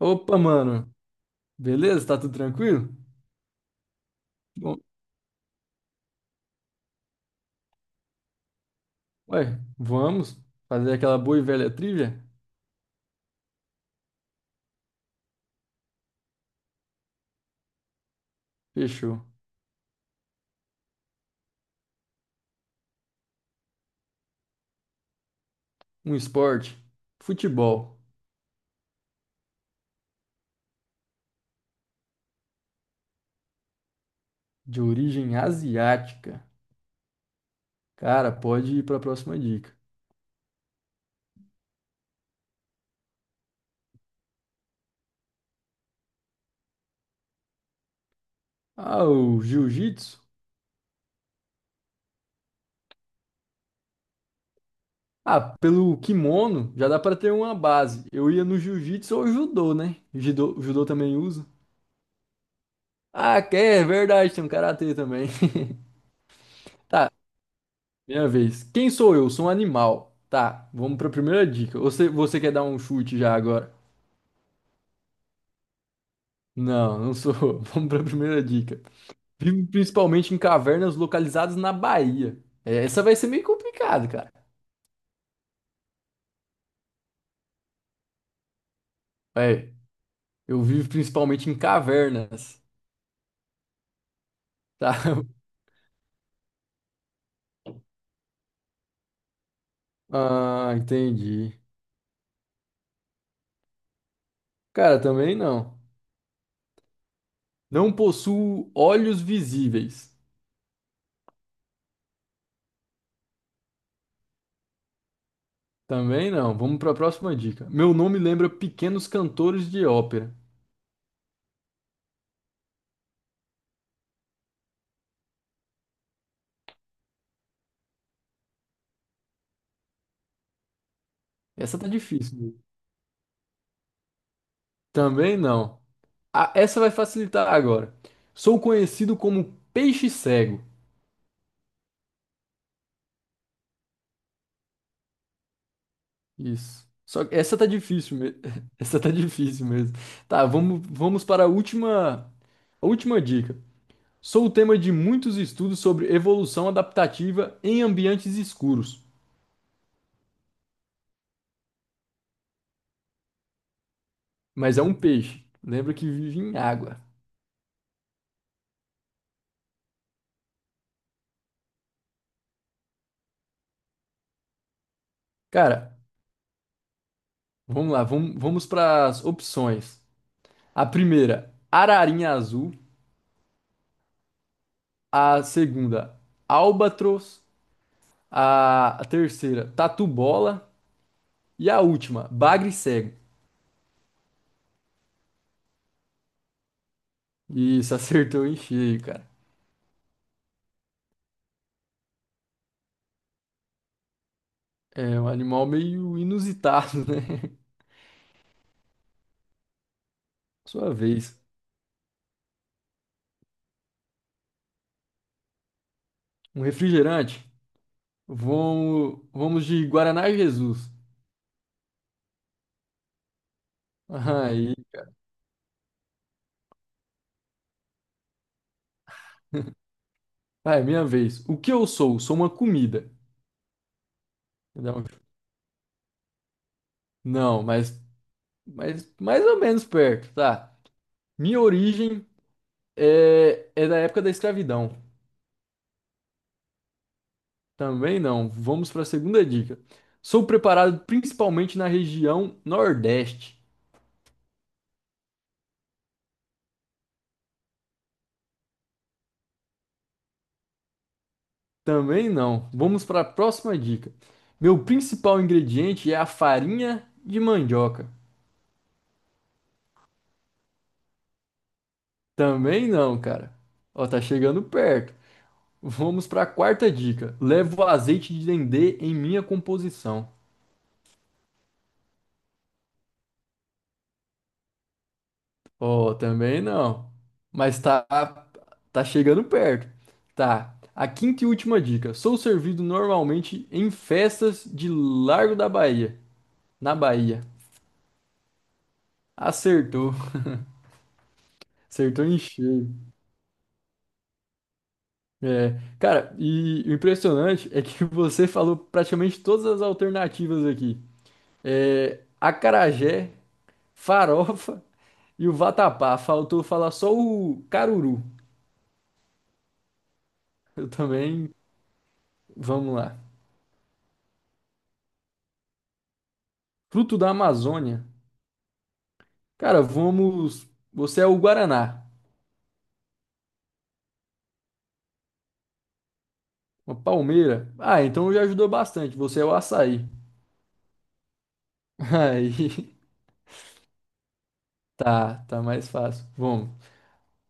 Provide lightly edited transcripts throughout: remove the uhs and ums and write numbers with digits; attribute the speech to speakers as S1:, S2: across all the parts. S1: Opa, mano. Beleza? Tá tudo tranquilo? Bom, ué, vamos fazer aquela boa e velha trivia? Fechou. Um esporte. Futebol. De origem asiática. Cara, pode ir pra próxima dica. Ah, o jiu-jitsu? Ah, pelo kimono já dá pra ter uma base. Eu ia no jiu-jitsu ou judô, né? Judô, judô também usa. Ah, que é verdade, tem um karatê também. Tá, minha vez. Quem sou eu? Sou um animal. Tá, vamos pra primeira dica. Você quer dar um chute já agora? Não, não sou. Vamos pra primeira dica. Vivo principalmente em cavernas localizadas na Bahia. É, essa vai ser meio complicada, cara. É, eu vivo principalmente em cavernas. Tá? Ah, entendi. Cara, também não. Não possuo olhos visíveis. Também não. Vamos pra próxima dica. Meu nome lembra pequenos cantores de ópera. Essa tá difícil. Também não. Ah, essa vai facilitar agora. Sou conhecido como peixe cego. Isso. Só que essa tá difícil mesmo. Essa tá difícil mesmo. Tá, vamos para a última dica. Sou o tema de muitos estudos sobre evolução adaptativa em ambientes escuros. Mas é um peixe. Lembra que vive em água. Cara, vamos lá. Vamos para as opções. A primeira, ararinha azul. A segunda, albatros. A terceira, Tatu Bola. E a última, Bagre Cego. Isso, acertou em cheio, cara. É um animal meio inusitado, né? Sua vez. Um refrigerante. Vamos de Guaraná Jesus. Aí, vai, minha vez. O que eu sou? Sou uma comida. Dá um- Não, mas mais ou menos perto, tá? Minha origem é, é da época da escravidão. Também não. Vamos para a segunda dica. Sou preparado principalmente na região Nordeste. Também não. Vamos para a próxima dica. Meu principal ingrediente é a farinha de mandioca. Também não, cara. Ó, tá chegando perto. Vamos para a quarta dica. Levo azeite de dendê em minha composição. Oh, também não. Mas tá, tá chegando perto. Tá. A quinta e última dica. Sou servido normalmente em festas de Largo da Bahia. Na Bahia. Acertou. Acertou em cheio. É. Cara, e o impressionante é que você falou praticamente todas as alternativas aqui. É, acarajé, farofa e o vatapá. Faltou falar só o caruru. Eu também. Vamos lá. Fruto da Amazônia. Cara, vamos. Você é o Guaraná. Uma palmeira. Ah, então já ajudou bastante. Você é o açaí. Aí. Tá, tá mais fácil. Vamos.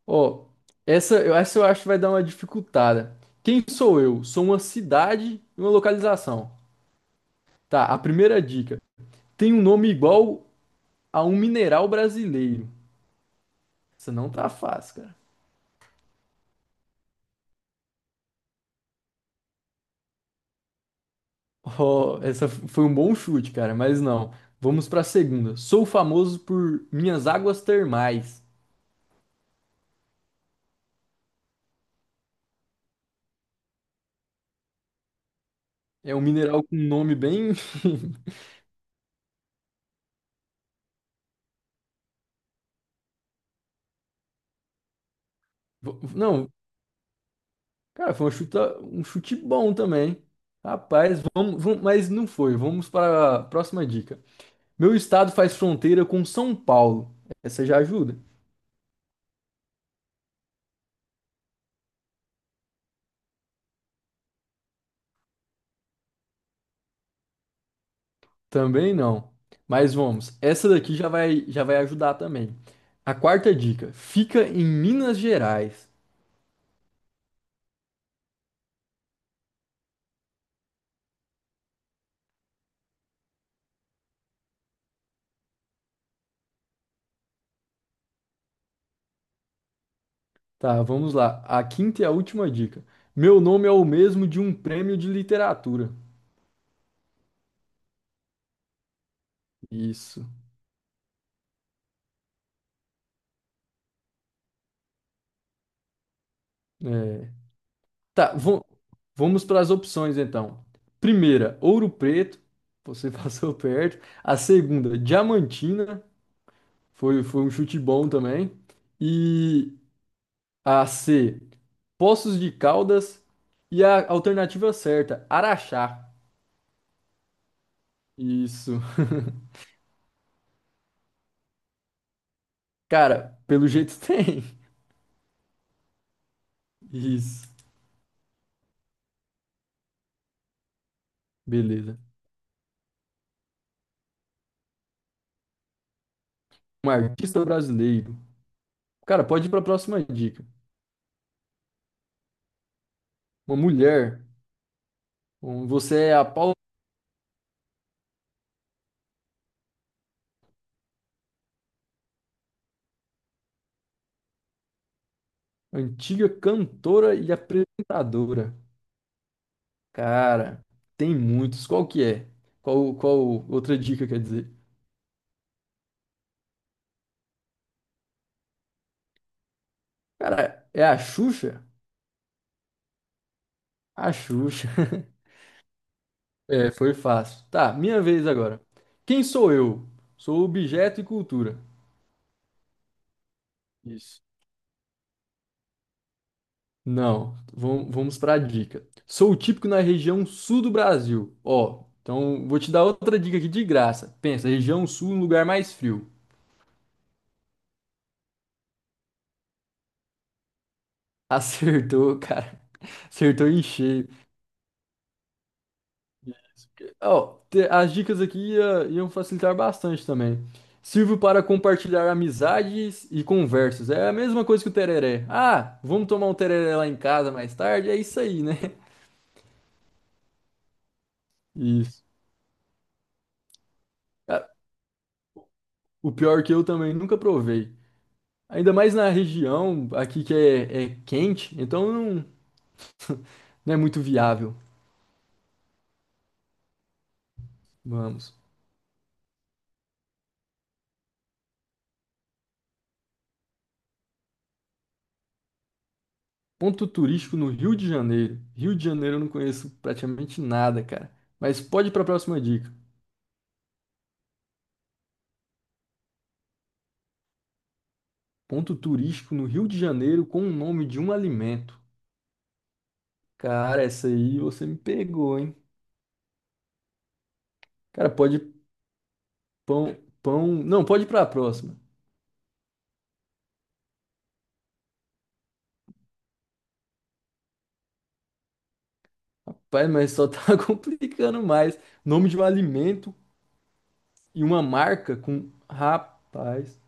S1: Ó, essa eu acho que vai dar uma dificultada. Quem sou eu? Sou uma cidade e uma localização. Tá, a primeira dica. Tem um nome igual a um mineral brasileiro. Essa não tá fácil, cara. Ó, foi um bom chute, cara, mas não. Vamos pra segunda. Sou famoso por minhas águas termais. É um mineral com um nome bem. Não, cara, foi uma chuta, um chute bom também. Rapaz, mas não foi. Vamos para a próxima dica. Meu estado faz fronteira com São Paulo. Essa já ajuda? Também não. Mas vamos. Essa daqui já vai ajudar também. A quarta dica. Fica em Minas Gerais. Tá, vamos lá. A quinta e a última dica. Meu nome é o mesmo de um prêmio de literatura. Isso. É. Tá, vo- Vamos para as opções então. Primeira, Ouro Preto, você passou perto. A segunda, Diamantina, foi, foi um chute bom também. E a C, Poços de Caldas. E a alternativa certa, Araxá. Isso. Cara, pelo jeito tem. Isso. Beleza. Um artista brasileiro. Cara, pode ir para a próxima dica. Uma mulher. Bom, você é a Paula, antiga cantora e apresentadora. Cara, tem muitos. Qual que é? Qual outra dica quer dizer? Cara, é a Xuxa? A Xuxa. É, foi fácil. Tá, minha vez agora. Quem sou eu? Sou objeto e cultura. Isso. Não, vamos para a dica. Sou típico na região sul do Brasil. Ó, então vou te dar outra dica aqui de graça. Pensa, região sul, um lugar mais frio. Acertou, cara. Acertou em cheio. Ó, as dicas aqui iam facilitar bastante também. Sirvo para compartilhar amizades e conversas. É a mesma coisa que o tereré. Ah, vamos tomar um tereré lá em casa mais tarde? É isso aí, né? Isso. Cara, o pior é que eu também nunca provei. Ainda mais na região aqui que é, é quente, então não, não é muito viável. Vamos. Ponto turístico no Rio de Janeiro. Rio de Janeiro eu não conheço praticamente nada, cara. Mas pode ir para a próxima dica. Ponto turístico no Rio de Janeiro com o nome de um alimento. Cara, essa aí você me pegou, hein? Cara, pode pão, pão. Não, pode ir pra próxima. Pai, mas só tá complicando mais. Nome de um alimento e uma marca com. Rapaz.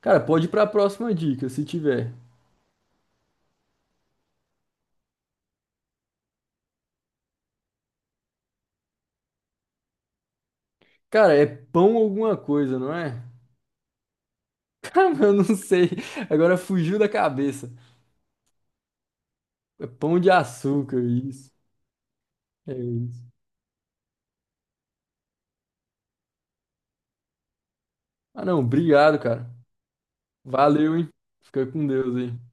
S1: Cara, pode ir pra próxima dica, se tiver. Cara, é pão alguma coisa, não é? Cara, eu não sei. Agora fugiu da cabeça. É pão de açúcar, isso. É isso. Ah, não, obrigado, cara. Valeu, hein? Fica com Deus aí.